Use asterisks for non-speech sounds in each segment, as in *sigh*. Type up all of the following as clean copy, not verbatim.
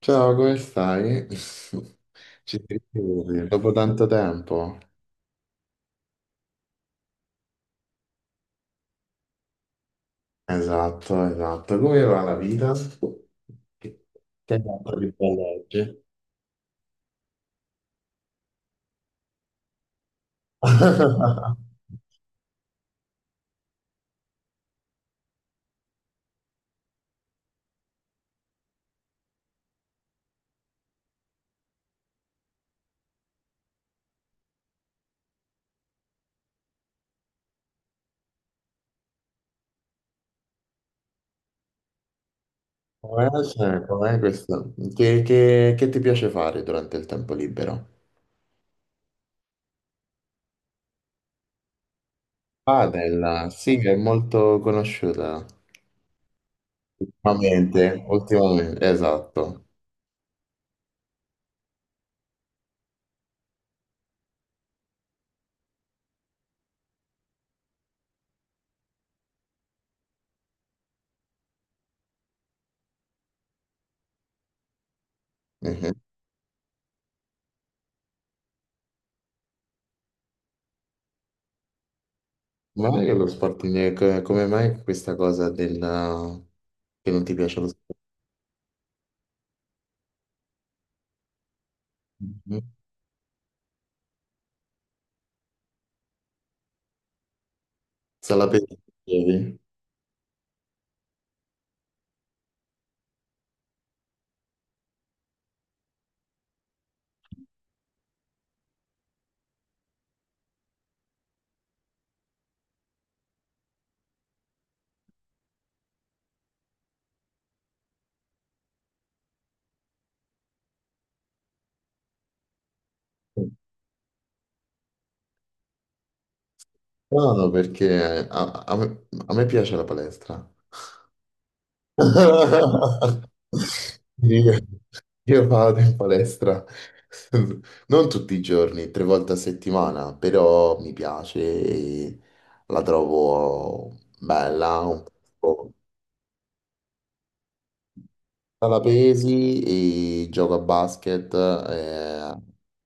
Ciao, come stai? *laughs* Ci sentiamo dopo tanto tempo. Esatto, esatto. Come va la vita? Che che hai fatto di bello oggi? *laughs* Com'è, cioè, com'è questo? Che ti piace fare durante il tempo libero? Padel, sì, è molto conosciuta. Ultimamente, ultimamente, esatto. Mhm. Ma non è che lo sport, come mai questa cosa del che non ti piace lo sport? Mhm. Sala pesca, dicevi? Strano perché a me piace la palestra. *laughs* Io, io vado in palestra non tutti i giorni, tre volte a settimana, però mi piace e la trovo bella, un po' la pesi e gioco a basket.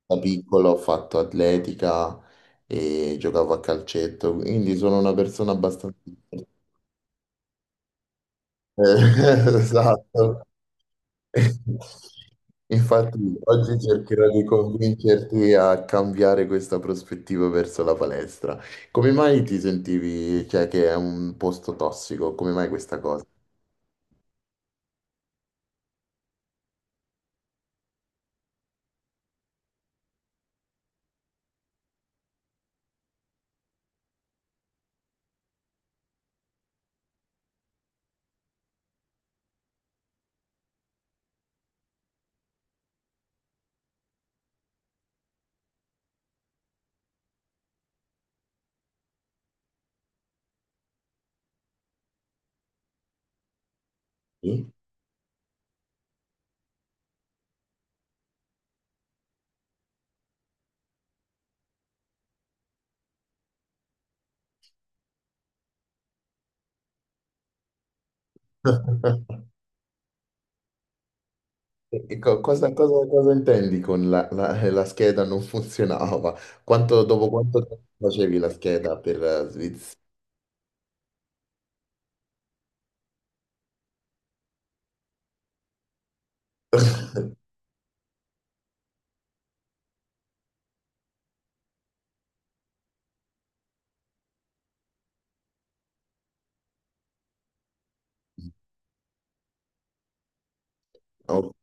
Da piccolo ho fatto atletica e giocavo a calcetto, quindi sono una persona abbastanza... Eh, *laughs* esatto. Infatti, oggi cercherò di convincerti a cambiare questa prospettiva verso la palestra. Come mai ti sentivi, cioè, che è un posto tossico? Come mai questa cosa? Sì? *laughs* E cosa intendi con la scheda non funzionava? Dopo quanto tempo facevi la scheda per Svizzera? *laughs* Ok,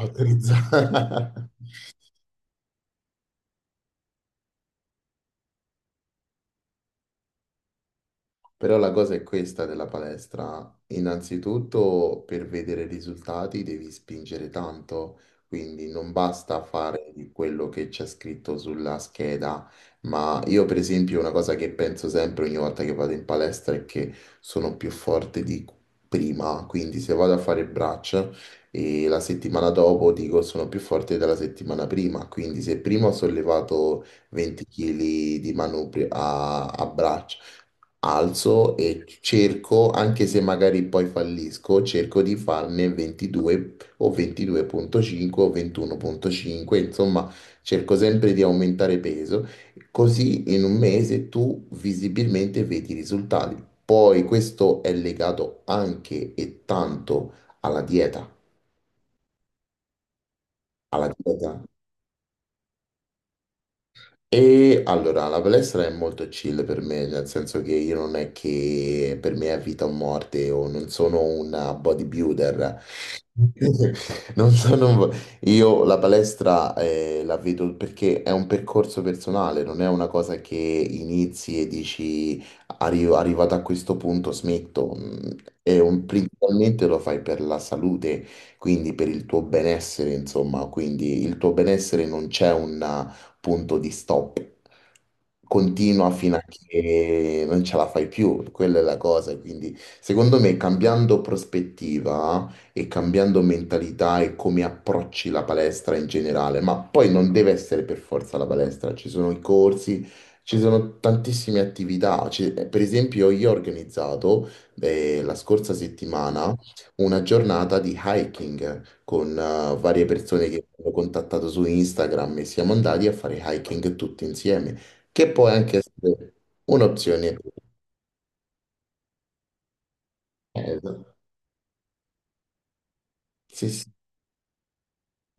autorizzato. *laughs* Però la cosa è questa della palestra. Innanzitutto, per vedere risultati devi spingere tanto, quindi non basta fare di quello che c'è scritto sulla scheda. Ma io, per esempio, una cosa che penso sempre ogni volta che vado in palestra è che sono più forte di prima. Quindi se vado a fare braccia e la settimana dopo dico sono più forte della settimana prima. Quindi se prima ho sollevato 20 kg di manubrio a braccia alzo e cerco, anche se magari poi fallisco, cerco di farne 22 o 22,5 o 21,5, insomma, cerco sempre di aumentare peso, così in un mese tu visibilmente vedi i risultati. Poi questo è legato anche e tanto alla dieta, alla dieta. E allora, la palestra è molto chill per me, nel senso che io non è che per me è vita o morte, o non sono un bodybuilder. *laughs* Non so, non vo- Io la palestra la vedo perché è un percorso personale, non è una cosa che inizi e dici: Arrivato a questo punto smetto." Mm, è un... Principalmente lo fai per la salute, quindi per il tuo benessere, insomma, quindi il tuo benessere non c'è un punto di stop. Continua fino a che non ce la fai più, quella è la cosa, quindi secondo me cambiando prospettiva e cambiando mentalità e come approcci la palestra in generale, ma poi non deve essere per forza la palestra, ci sono i corsi, ci sono tantissime attività. Per esempio io ho organizzato la scorsa settimana una giornata di hiking con varie persone che mi hanno contattato su Instagram e siamo andati a fare hiking tutti insieme, che può anche essere un'opzione. Eh, Sì, sì.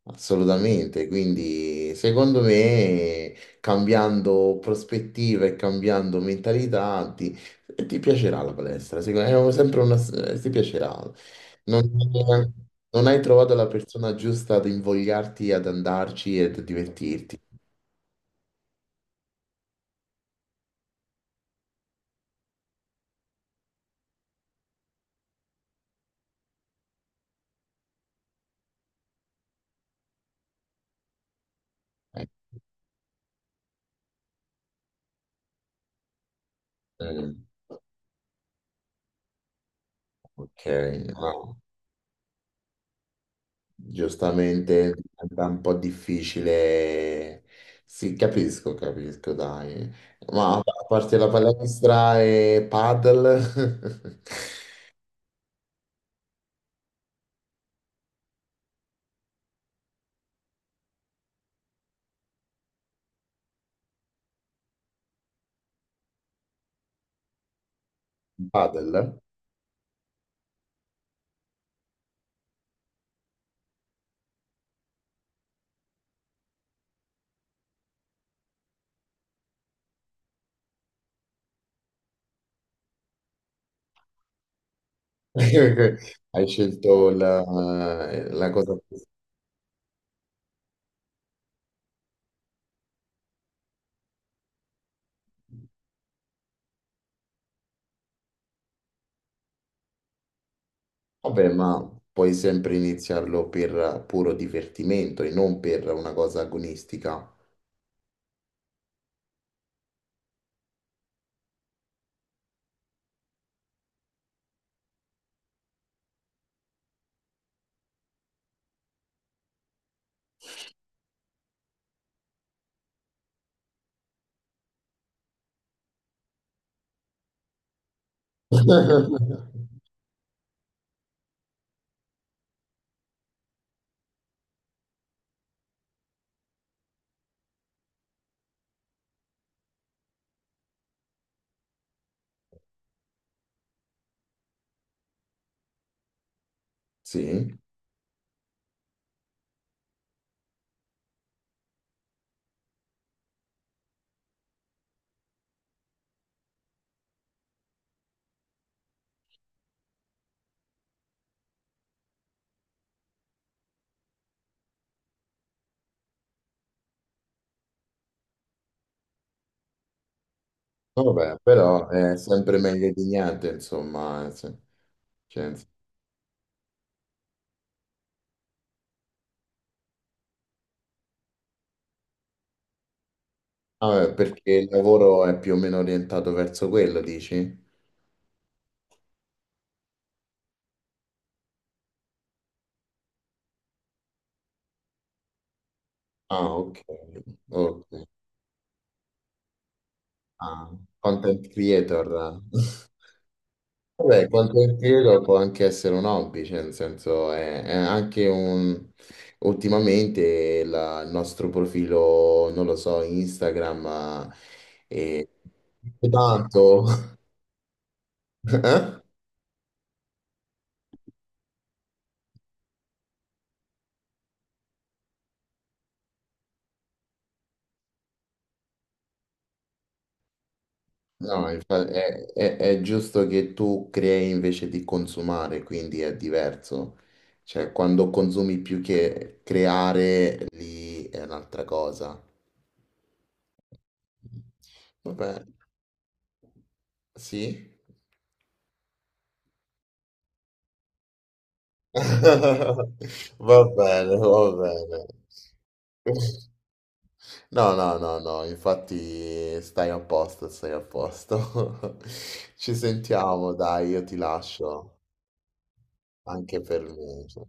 Assolutamente, quindi secondo me cambiando prospettiva e cambiando mentalità ti piacerà la palestra, secondo me è sempre una, ti piacerà. Non, Non hai trovato la persona giusta ad invogliarti ad andarci e a divertirti. Eh, Ok, no. Giustamente diventa un po' difficile. Sì, capisco, capisco, dai. Ma a parte la palestra e paddle, *laughs* paddle, *laughs* hai scelto la cosa più... Vabbè, ma puoi sempre iniziarlo per puro divertimento e non per una cosa agonistica. *laughs* Sì, vabbè, però è sempre meglio di niente, insomma. Cioè, Ah, perché il lavoro è più o meno orientato verso quello, dici? Ah, ok. Ok. Ah, content creator. *laughs* Vabbè, content creator può anche essere un hobby, cioè nel senso è anche un... Ultimamente il nostro profilo, non lo so, Instagram eh, è tanto... *laughs* Eh? No, infa- È giusto che tu crei invece di consumare, quindi è diverso. Cioè, quando consumi più che creare, lì è un'altra cosa. Vabbè, sì. *laughs* Va bene, va bene. No, no, no, no, infatti stai a posto, stai a posto. *laughs* Ci sentiamo, dai, io ti lascio, anche per me. Cioè.